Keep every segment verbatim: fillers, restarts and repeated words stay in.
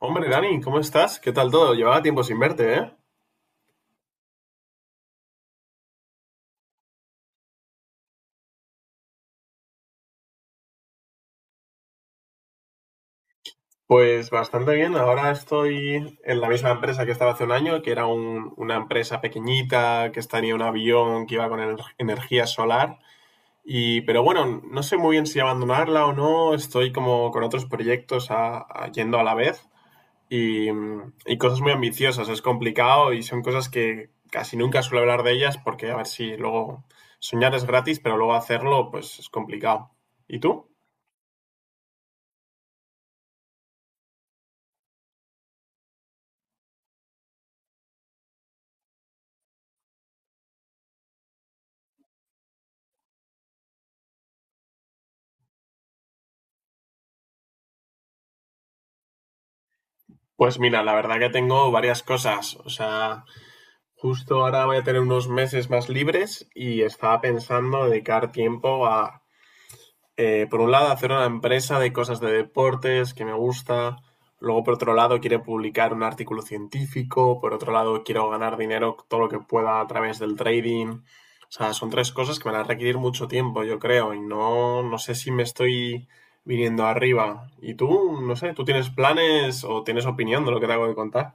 Hombre, Dani, ¿cómo estás? ¿Qué tal todo? Llevaba tiempo sin verte, ¿eh? Pues bastante bien. Ahora estoy en la misma empresa que estaba hace un año, que era un- una empresa pequeñita, que tenía un avión que iba con ener- energía solar. Y, pero bueno, no sé muy bien si abandonarla o no. Estoy como con otros proyectos a- a- yendo a la vez y, mm, y cosas muy ambiciosas. Es complicado y son cosas que casi nunca suelo hablar de ellas porque a ver si luego soñar es gratis, pero luego hacerlo pues es complicado. ¿Y tú? Pues mira, la verdad que tengo varias cosas. O sea, justo ahora voy a tener unos meses más libres y estaba pensando dedicar tiempo a eh, por un lado, hacer una empresa de cosas de deportes que me gusta. Luego, por otro lado, quiero publicar un artículo científico. Por otro lado, quiero ganar dinero todo lo que pueda a través del trading. O sea, son tres cosas que me van a requerir mucho tiempo, yo creo. Y no, no sé si me estoy viniendo arriba. ¿Y tú? No sé, ¿tú tienes planes o tienes opinión de lo que te hago de contar?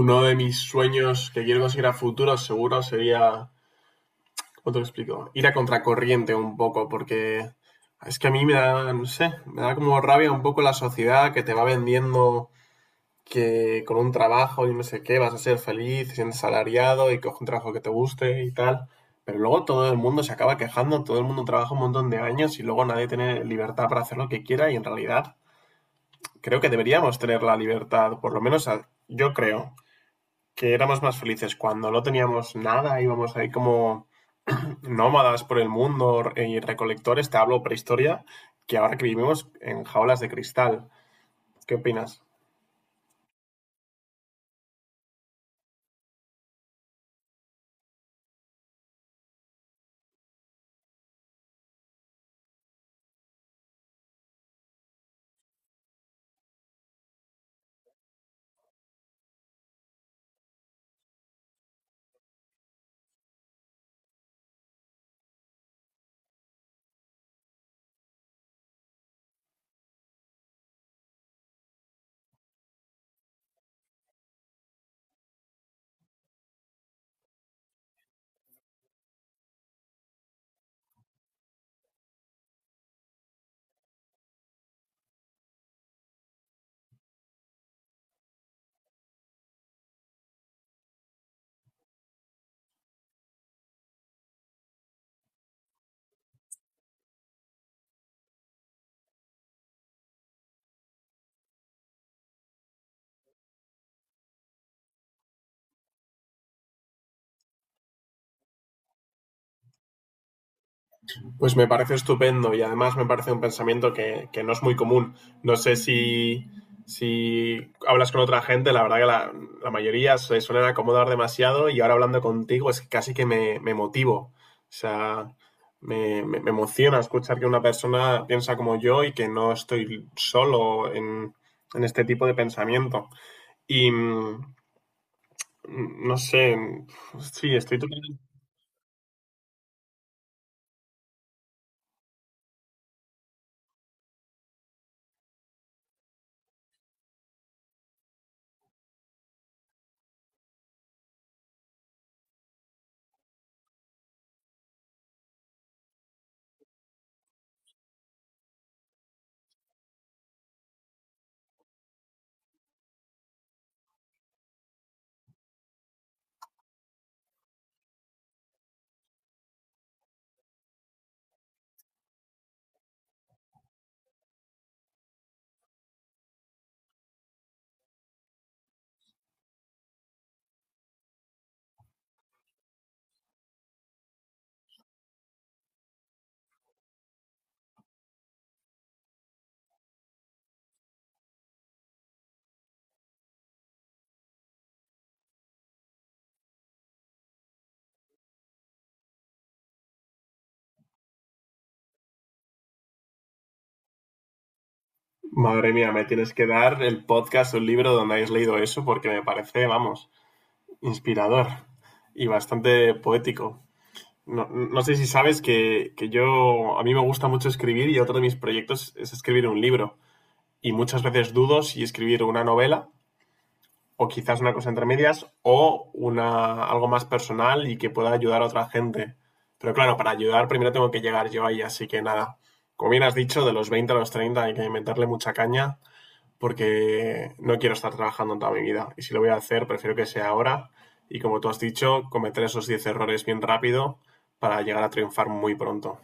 Uno de mis sueños que quiero conseguir a futuro seguro sería. ¿Cómo te lo explico? Ir a contracorriente un poco, porque es que a mí me da, no sé, me da como rabia un poco la sociedad que te va vendiendo que con un trabajo y no sé qué vas a ser feliz, siendo salariado y coge un trabajo que te guste y tal. Pero luego todo el mundo se acaba quejando, todo el mundo trabaja un montón de años y luego nadie tiene libertad para hacer lo que quiera y en realidad creo que deberíamos tener la libertad, por lo menos a- yo creo que éramos más felices cuando no teníamos nada, íbamos ahí como nómadas por el mundo y recolectores, te hablo prehistoria, que ahora que vivimos en jaulas de cristal. ¿Qué opinas? Pues me parece estupendo y además me parece un pensamiento que, que no es muy común. No sé si, si hablas con otra gente, la verdad que la, la mayoría se suelen acomodar demasiado y ahora hablando contigo es casi que me, me motivo. O sea, me, me- me emociona escuchar que una persona piensa como yo y que no estoy solo en, en este tipo de pensamiento. Y mm, no sé, sí, estoy totalmente. Madre mía, me tienes que dar el podcast o el libro donde hayas leído eso porque me parece, vamos, inspirador y bastante poético. No, no sé si sabes que, que yo, a mí me gusta mucho escribir y otro de mis proyectos es escribir un libro. Y muchas veces dudo si escribir una novela o quizás una cosa entre medias o una, algo más personal y que pueda ayudar a otra gente. Pero claro, para ayudar primero tengo que llegar yo ahí, así que nada. Como bien has dicho, de los veinte a los treinta hay que meterle mucha caña porque no quiero estar trabajando en toda mi vida. Y si lo voy a hacer, prefiero que sea ahora. Y como tú has dicho, cometer esos diez errores bien rápido para llegar a triunfar muy pronto.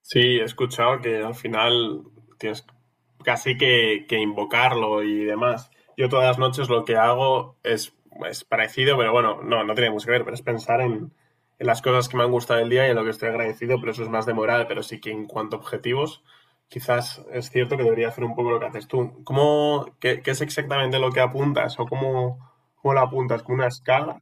Sí, he escuchado que al final tienes casi que, que invocarlo y demás. Yo todas las noches lo que hago es, es parecido, pero bueno, no, no tiene mucho que ver, pero es pensar en, en las cosas que me han gustado del día y en lo que estoy agradecido, pero eso es más de moral, pero sí que en cuanto a objetivos, quizás es cierto que debería hacer un poco lo que haces tú. ¿Cómo, qué, qué es exactamente lo que apuntas o cómo, cómo lo apuntas? ¿Con una escala?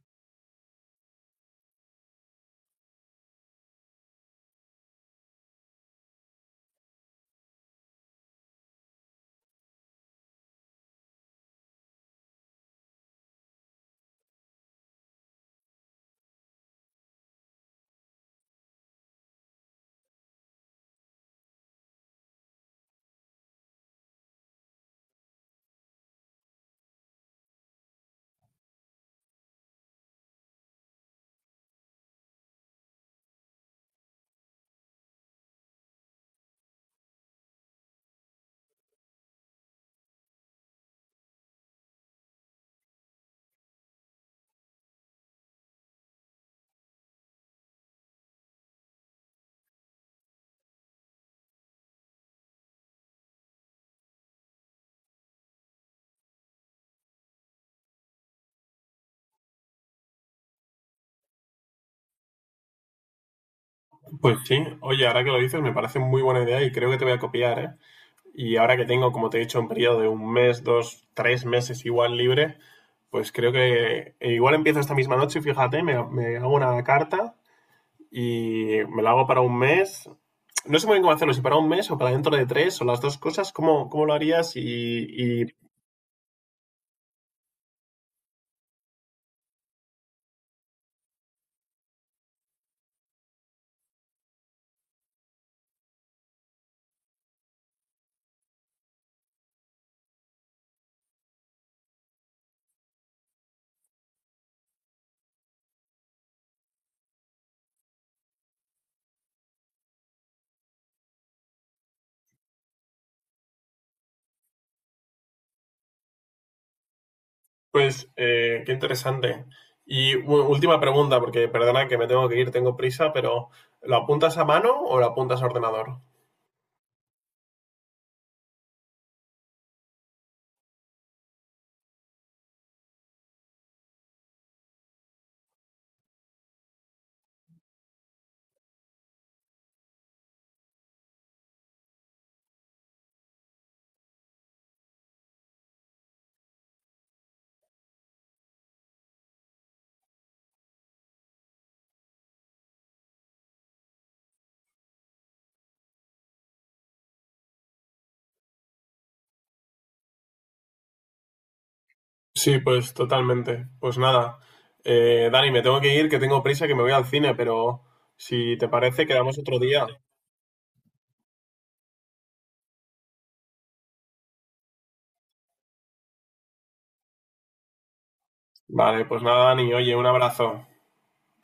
Pues sí, oye, ahora que lo dices me parece muy buena idea y creo que te voy a copiar, ¿eh? Y ahora que tengo, como te he dicho, un periodo de un mes, dos, tres meses igual libre, pues creo que e igual empiezo esta misma noche, fíjate, me, me hago una carta y me la hago para un mes. No sé muy bien cómo hacerlo, si para un mes o para dentro de tres o las dos cosas, ¿cómo, cómo lo harías? Y, y pues, eh, qué interesante. Y u- última pregunta, porque perdona que me tengo que ir, tengo prisa, pero ¿lo apuntas a mano o lo apuntas a ordenador? Sí, pues totalmente. Pues nada, eh, Dani, me tengo que ir, que tengo prisa, que me voy al cine, pero si te parece, quedamos otro día. Vale, pues nada, Dani, oye, un abrazo.